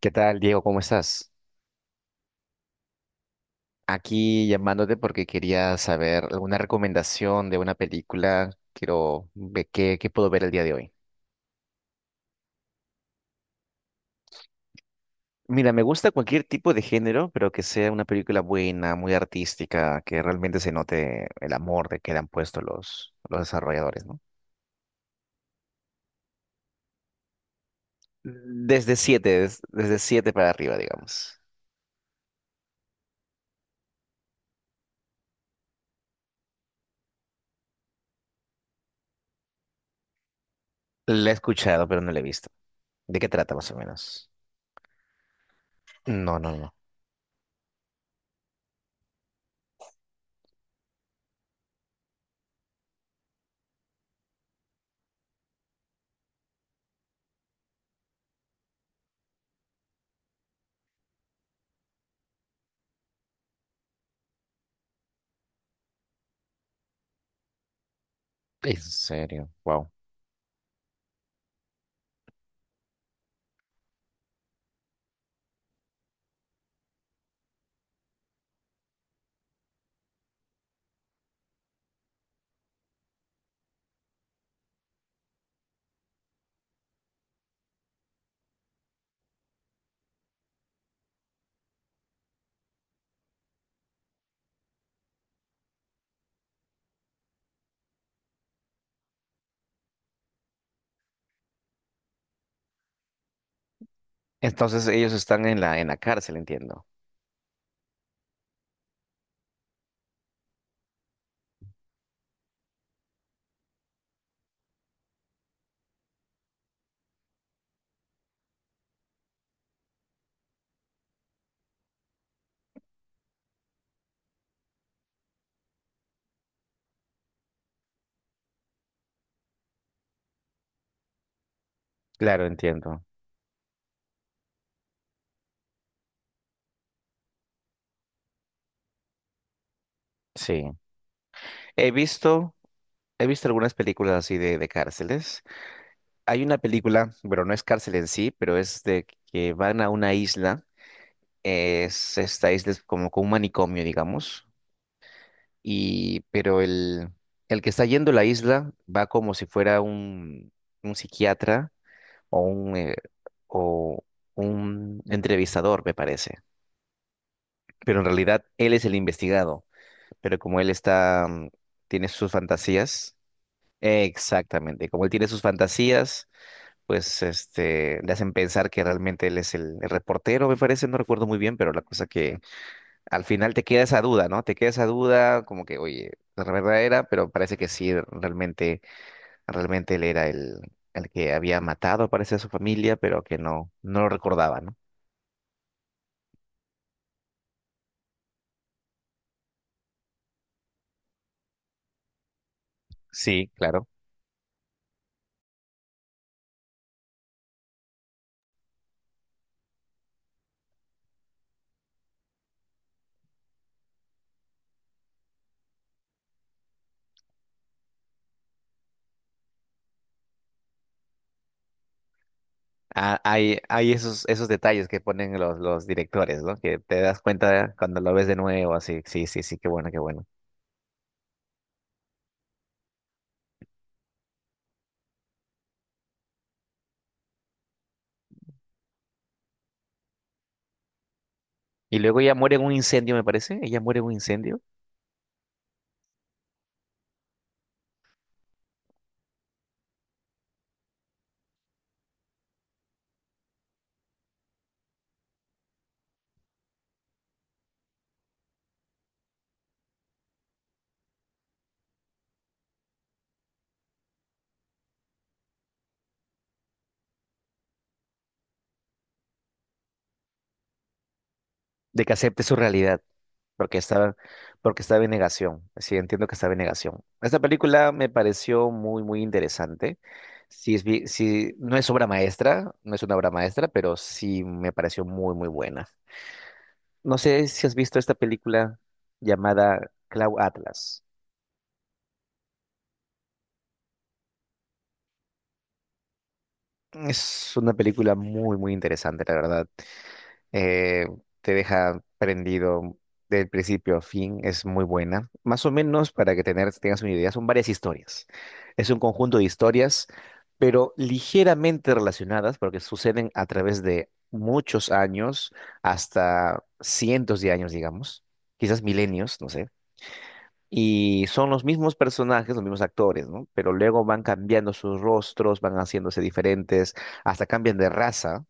¿Qué tal, Diego? ¿Cómo estás? Aquí llamándote porque quería saber alguna recomendación de una película. Quiero ver qué puedo ver el día de hoy. Mira, me gusta cualquier tipo de género, pero que sea una película buena, muy artística, que realmente se note el amor de que le han puesto los desarrolladores, ¿no? Desde siete, desde siete para arriba, digamos. La he escuchado, pero no la he visto. ¿De qué trata, más o menos? No, no, no. En serio, wow. Entonces ellos están en la cárcel, entiendo. Claro, entiendo. Sí. He visto, he visto algunas películas así de cárceles. Hay una película, bueno, no es cárcel en sí, pero es de que van a una isla. Es, esta isla es como con un manicomio, digamos. Y, pero el que está yendo a la isla va como si fuera un psiquiatra o un, eh, o un entrevistador, me parece. Pero en realidad él es el investigado. Pero como él está, tiene sus fantasías. Exactamente, como él tiene sus fantasías, pues este, le hacen pensar que realmente él es el reportero, me parece, no recuerdo muy bien, pero la cosa que al final te queda esa duda, ¿no? Te queda esa duda, como que, oye, la verdad era, pero parece que sí, realmente, realmente él era el que había matado, parece, a su familia, pero que no, no lo recordaba, ¿no? Sí, claro. Ah, hay esos detalles que ponen los directores, ¿no? Que te das cuenta cuando lo ves de nuevo, así, sí, sí, sí, qué bueno, qué bueno. Y luego ella muere en un incendio, me parece. Ella muere en un incendio. De que acepte su realidad. Porque estaba, porque estaba en negación. Sí, entiendo que estaba en negación. Esta película me pareció muy, muy interesante. Sí, es, sí, no es obra maestra, no es una obra maestra, pero sí me pareció muy, muy buena. No sé si has visto esta película llamada Cloud Atlas. Es una película muy, muy interesante, la verdad. eh, te deja prendido del principio a fin, es muy buena. Más o menos, para que tengas una idea, son varias historias. Es un conjunto de historias, pero ligeramente relacionadas, porque suceden a través de muchos años, hasta cientos de años, digamos, quizás milenios, no sé. Y son los mismos personajes, los mismos actores, ¿no? Pero luego van cambiando sus rostros, van haciéndose diferentes, hasta cambian de raza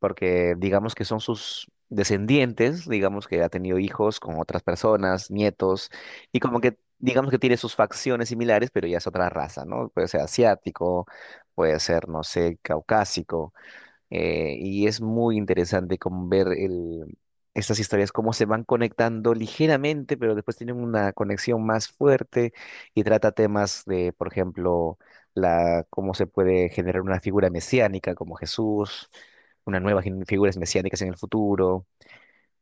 porque digamos que son sus descendientes, digamos que ha tenido hijos con otras personas, nietos, y como que digamos que tiene sus facciones similares, pero ya es otra raza, ¿no? Puede ser asiático, puede ser, no sé, caucásico. Y es muy interesante como estas historias, cómo se van conectando ligeramente, pero después tienen una conexión más fuerte y trata temas de, por ejemplo, cómo se puede generar una figura mesiánica como Jesús, una nueva figuras mesiánicas en el futuro,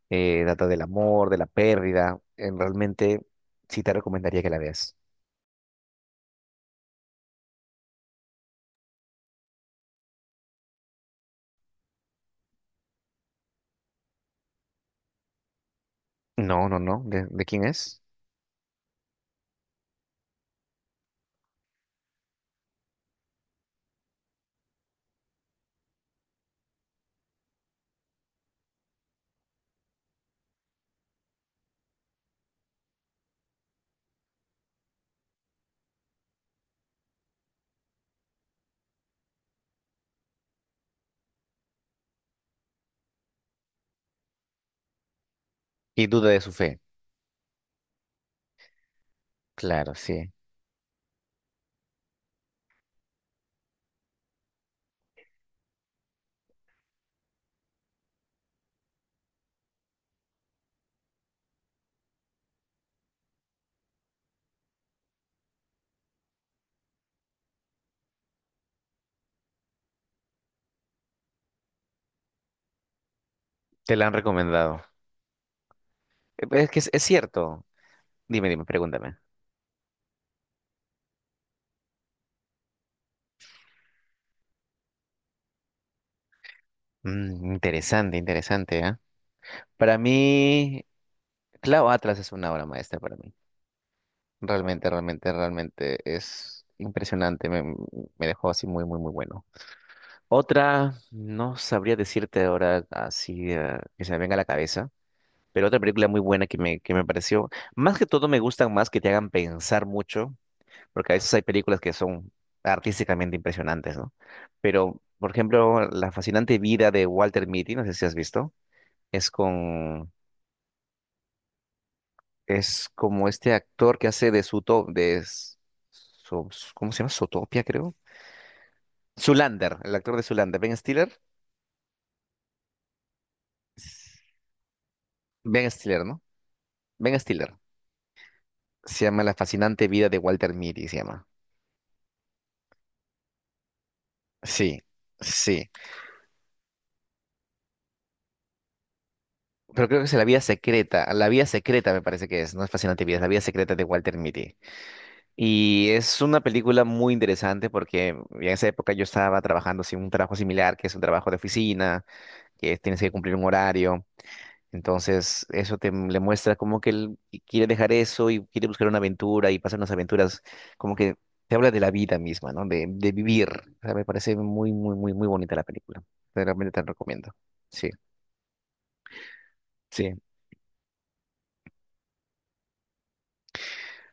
trata del amor, de la pérdida. Realmente sí te recomendaría que la veas. No, no, no. De quién es? Y duda de su fe. Claro, sí. Te la han recomendado. Es que es cierto. Dime, dime, pregúntame. Mm, interesante, interesante, ¿ah? Para mí, Clau Atlas es una obra maestra para mí. Realmente, realmente, realmente es impresionante. Me dejó así muy, muy, muy bueno. Otra, no sabría decirte ahora así que se me venga a la cabeza, pero otra película muy buena que que me pareció. Más que todo me gustan más que te hagan pensar mucho, porque a veces hay películas que son artísticamente impresionantes, ¿no? Pero, por ejemplo, La fascinante vida de Walter Mitty, no sé si has visto. es con, es como este actor que hace de Suto, de, So- ¿cómo se llama? Zootopia, creo. Zoolander, el actor de Zoolander, Ben Stiller. S- Ben Stiller, ¿no? Ben Stiller. Se llama La fascinante vida de Walter Mitty, se llama. Sí, sí. Pero creo que es La vida secreta me parece que es, no es fascinante vida, es La vida secreta de Walter Mitty. Y es una película muy interesante porque en esa época yo estaba trabajando sin un trabajo similar, que es un trabajo de oficina, que tienes que cumplir un horario. Entonces, eso le muestra como que él quiere dejar eso y quiere buscar una aventura y pasar unas aventuras, como que te habla de la vida misma, ¿no? De vivir. O sea, me parece muy, muy, muy, muy bonita la película. Realmente te la recomiendo. Sí, sí.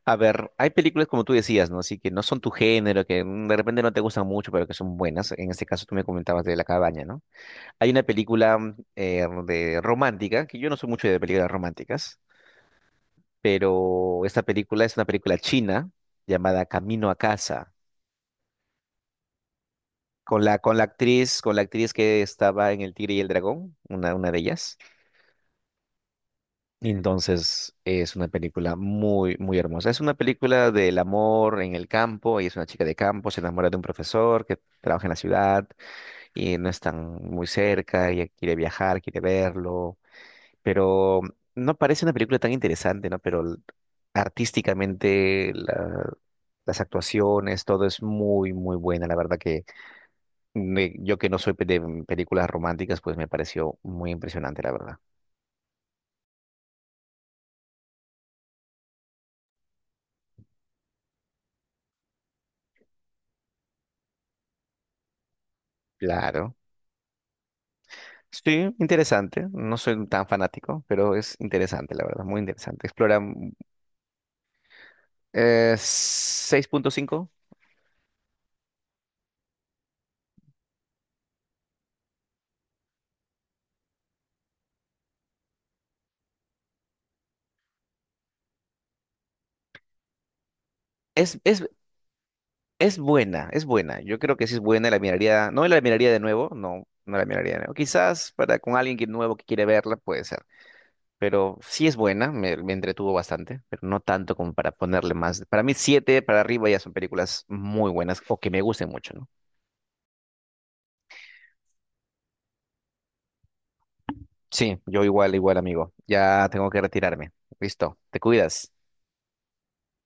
A ver, hay películas como tú decías, ¿no? Así que no son tu género, que de repente no te gustan mucho, pero que son buenas. En este caso tú me comentabas de La cabaña, ¿no? Hay una película de romántica, que yo no soy mucho de películas románticas, pero esta película es una película china llamada Camino a casa, con la actriz, con la actriz que estaba en El Tigre y el Dragón, una de ellas. Entonces es una película muy, muy hermosa. Es una película del amor en el campo, y es una chica de campo, se enamora de un profesor que trabaja en la ciudad y no están muy cerca, y ella quiere viajar, quiere verlo, pero no parece una película tan interesante, ¿no? Artísticamente las actuaciones, todo es muy, muy buena. La verdad que yo que no soy de películas románticas, pues me pareció muy impresionante, la verdad. Claro. Sí, interesante. No soy tan fanático, pero es interesante, la verdad, muy interesante. Explora 6.5. Es, es Es buena, es buena. Yo creo que sí es buena, la miraría, no la miraría de nuevo, no, no la miraría de nuevo. Quizás para con alguien que nuevo que quiere verla puede ser, pero sí es buena, me entretuvo bastante, pero no tanto como para ponerle más. Para mí siete para arriba ya son películas muy buenas o que me gusten mucho, ¿no? Sí, yo igual, igual amigo. Ya tengo que retirarme. Listo, te cuidas.